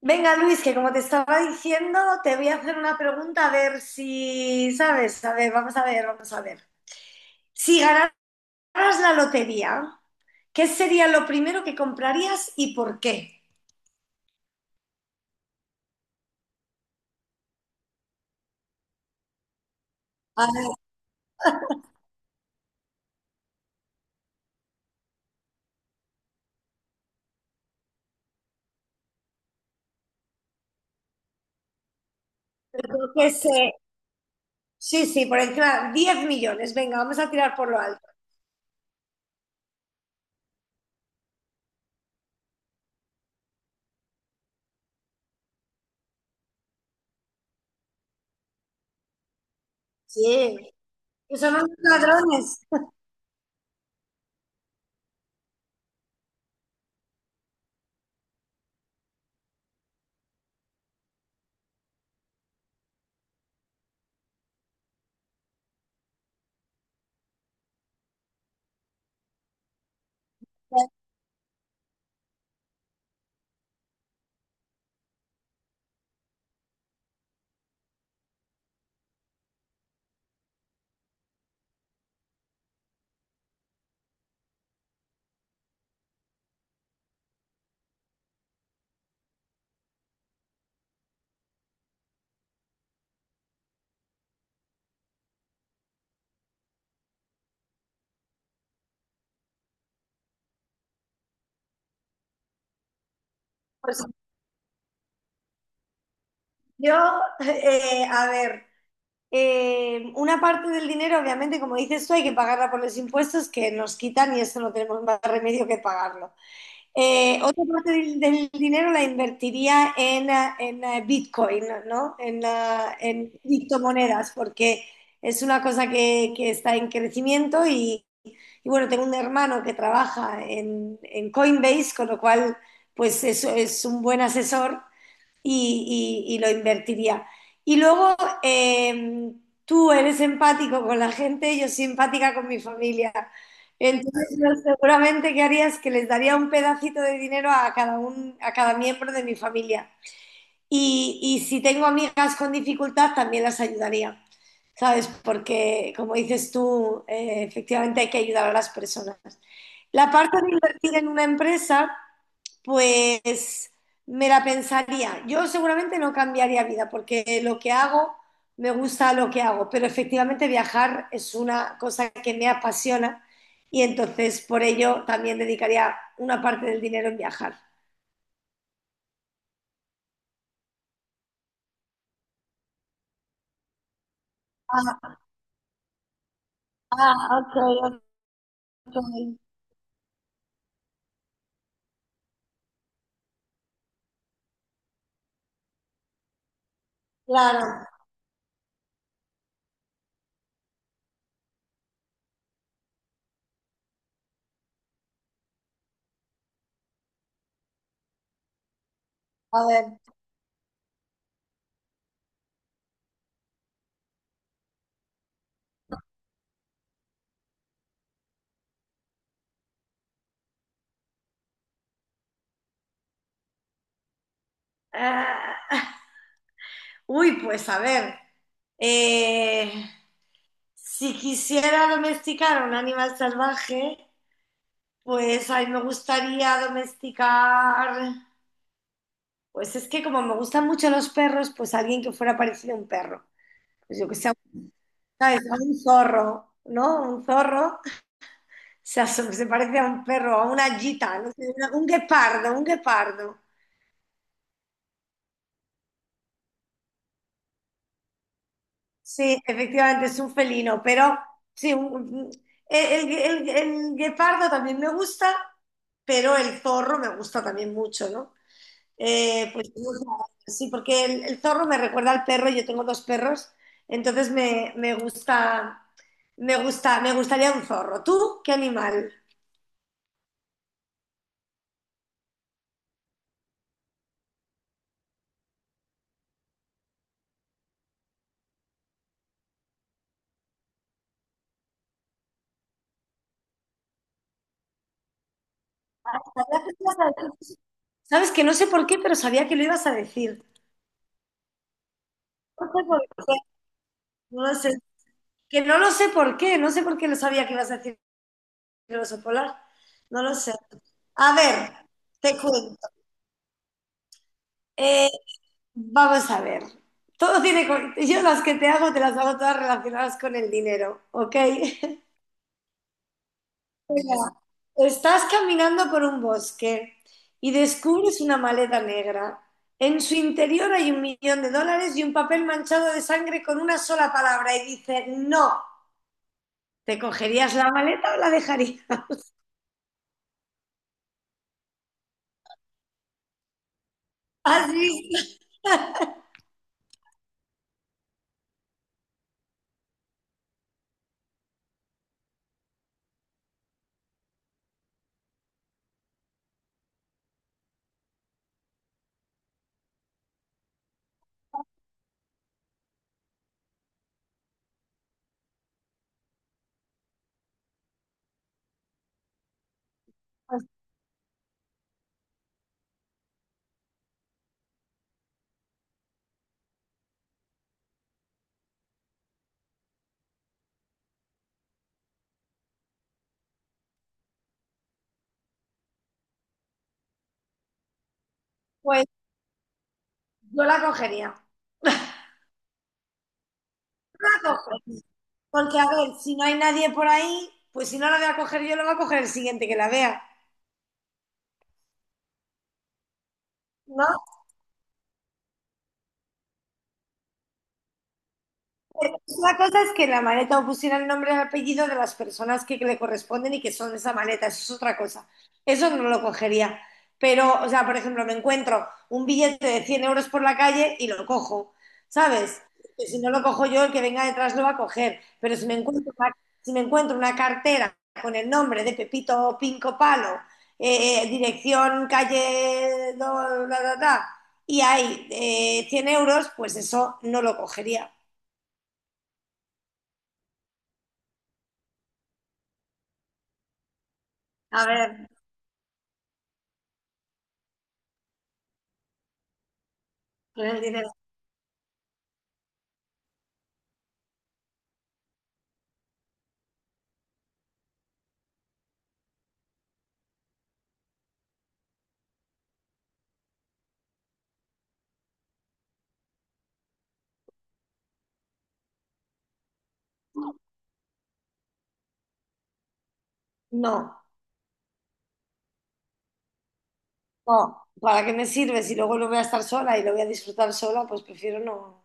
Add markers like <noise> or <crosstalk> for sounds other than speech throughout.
Venga, Luis, que como te estaba diciendo, te voy a hacer una pregunta a ver si sabes. A ver, vamos a ver, vamos a ver. Si ganaras la lotería, ¿qué sería lo primero que comprarías y por qué? A ver, yo qué sé. Sí, sí, por encima, 10 millones. Venga, vamos a tirar por lo alto. Sí, que son unos ladrones. Pues yo, a ver, una parte del dinero, obviamente, como dices tú, hay que pagarla por los impuestos que nos quitan y eso no tenemos más remedio que pagarlo. Otra parte del dinero la invertiría en Bitcoin, ¿no? En criptomonedas, porque es una cosa que está en crecimiento y bueno, tengo un hermano que trabaja en Coinbase, con lo cual pues eso es un buen asesor y lo invertiría. Y luego eh, tú eres empático con la gente, yo soy empática con mi familia. Entonces, yo seguramente que haría es que les daría un pedacito de dinero a cada miembro de mi familia. Y si tengo amigas con dificultad, también las ayudaría, ¿sabes? Porque, como dices tú, efectivamente hay que ayudar a las personas. La parte de invertir en una empresa. Pues me la pensaría. Yo seguramente no cambiaría vida porque lo que hago, me gusta lo que hago, pero efectivamente viajar es una cosa que me apasiona y entonces por ello también dedicaría una parte del dinero en viajar. Ah, ah, ok, ok. Claro, a ver. Ah, uy, pues a ver, eh, si quisiera domesticar a un animal salvaje, pues a mí me gustaría domesticar, pues es que como me gustan mucho los perros, pues alguien que fuera parecido a un perro. Pues yo que sea, ¿sabes? A un zorro, ¿no? Un zorro, <laughs> o sea, se parece a un perro, a una gita, no sé, un guepardo, un guepardo. Sí, efectivamente es un felino, pero sí, el guepardo también me gusta, pero el zorro me gusta también mucho, ¿no? Pues no sé, sí, porque el zorro me recuerda al perro, yo tengo dos perros, entonces me gustaría un zorro. ¿Tú qué animal? Sabes que no sé por qué, pero sabía que lo ibas a decir. No sé por qué, no lo sé. Que no lo sé por qué, no sé por qué lo sabía que ibas a decir. El oso polar. No lo sé. A ver, te cuento. Eh, vamos a ver. Yo las que te hago, te las hago todas relacionadas con el dinero, ¿ok? <laughs> Mira, estás caminando por un bosque y descubres una maleta negra. En su interior hay 1 millón de dólares y un papel manchado de sangre con una sola palabra y dice, no, ¿te cogerías la maleta o la dejarías? <laughs> ¿Has visto? Pues yo la cogería. La cojo. Porque, a ver, si no hay nadie por ahí, pues si no la voy a coger yo, la va a coger el siguiente que la vea, ¿no? La cosa es que en la maleta o pusiera el nombre y el apellido de las personas que le corresponden y que son de esa maleta, eso es otra cosa. Eso no lo cogería. Pero, o sea, por ejemplo, me encuentro un billete de 100 euros por la calle y lo cojo, ¿sabes? Que si no lo cojo yo, el que venga detrás lo va a coger. Pero si me encuentro una cartera con el nombre de Pepito Pinco Palo, dirección calle, da, da, da, y hay 100 euros, pues eso no lo cogería. A ver. Entonces dices, no, no, ¿para qué me sirve si luego lo voy a estar sola y lo voy a disfrutar sola? Pues prefiero no,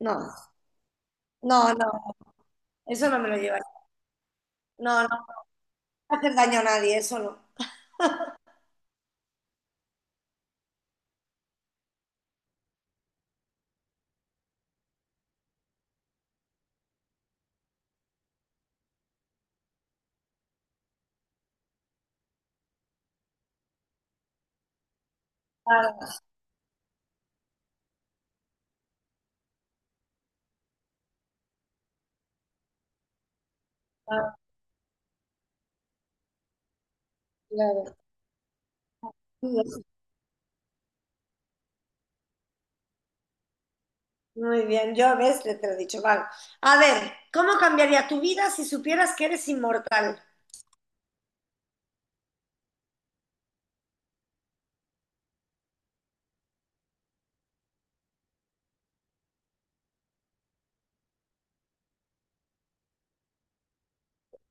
no, no, no, eso no me lo llevaré. No, no, no hacer daño a nadie, eso no. Claro, claro, claro. Muy bien, yo ves, te lo he dicho, vale. A ver, ¿cómo cambiaría tu vida si supieras que eres inmortal?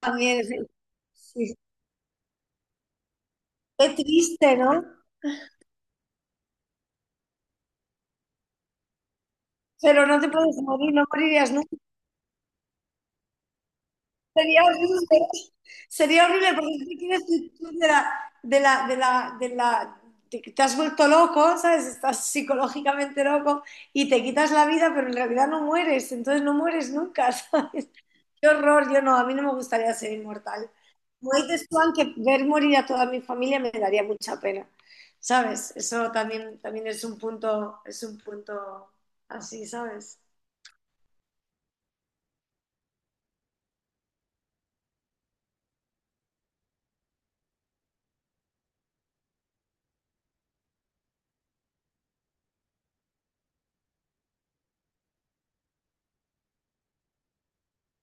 También, sí. Sí. Qué triste, ¿no? Pero no te puedes morir, no morirías nunca. Sería horrible, sería horrible porque tú te quieres tú te has vuelto loco, ¿sabes? Estás psicológicamente loco y te quitas la vida, pero en realidad no mueres, entonces no mueres nunca, <laughs> ¿sabes? Qué horror, yo no, a mí no me gustaría ser inmortal. Como dices tú, que ver morir a toda mi familia me daría mucha pena, ¿sabes? Eso también es un punto así, ¿sabes?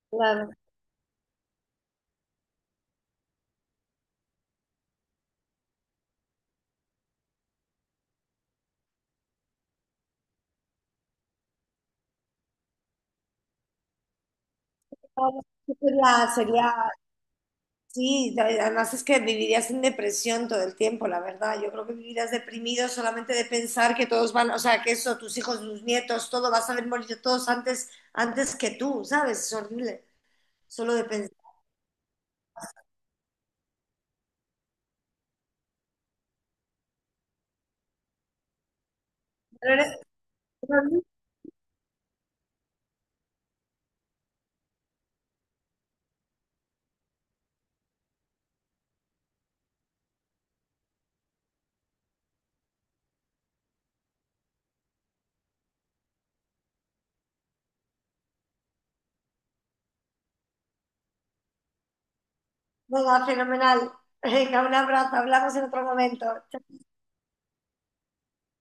Claro. Sería, sería Sí, además es que vivirías en depresión todo el tiempo, la verdad. Yo creo que vivirías deprimido solamente de pensar que todos van, o sea, que eso, tus hijos, tus nietos, todo, vas a ver morir todos antes que tú, ¿sabes? Es horrible, solo de pensar. Pero eres- Venga, fenomenal. Venga, un abrazo, hablamos en otro momento.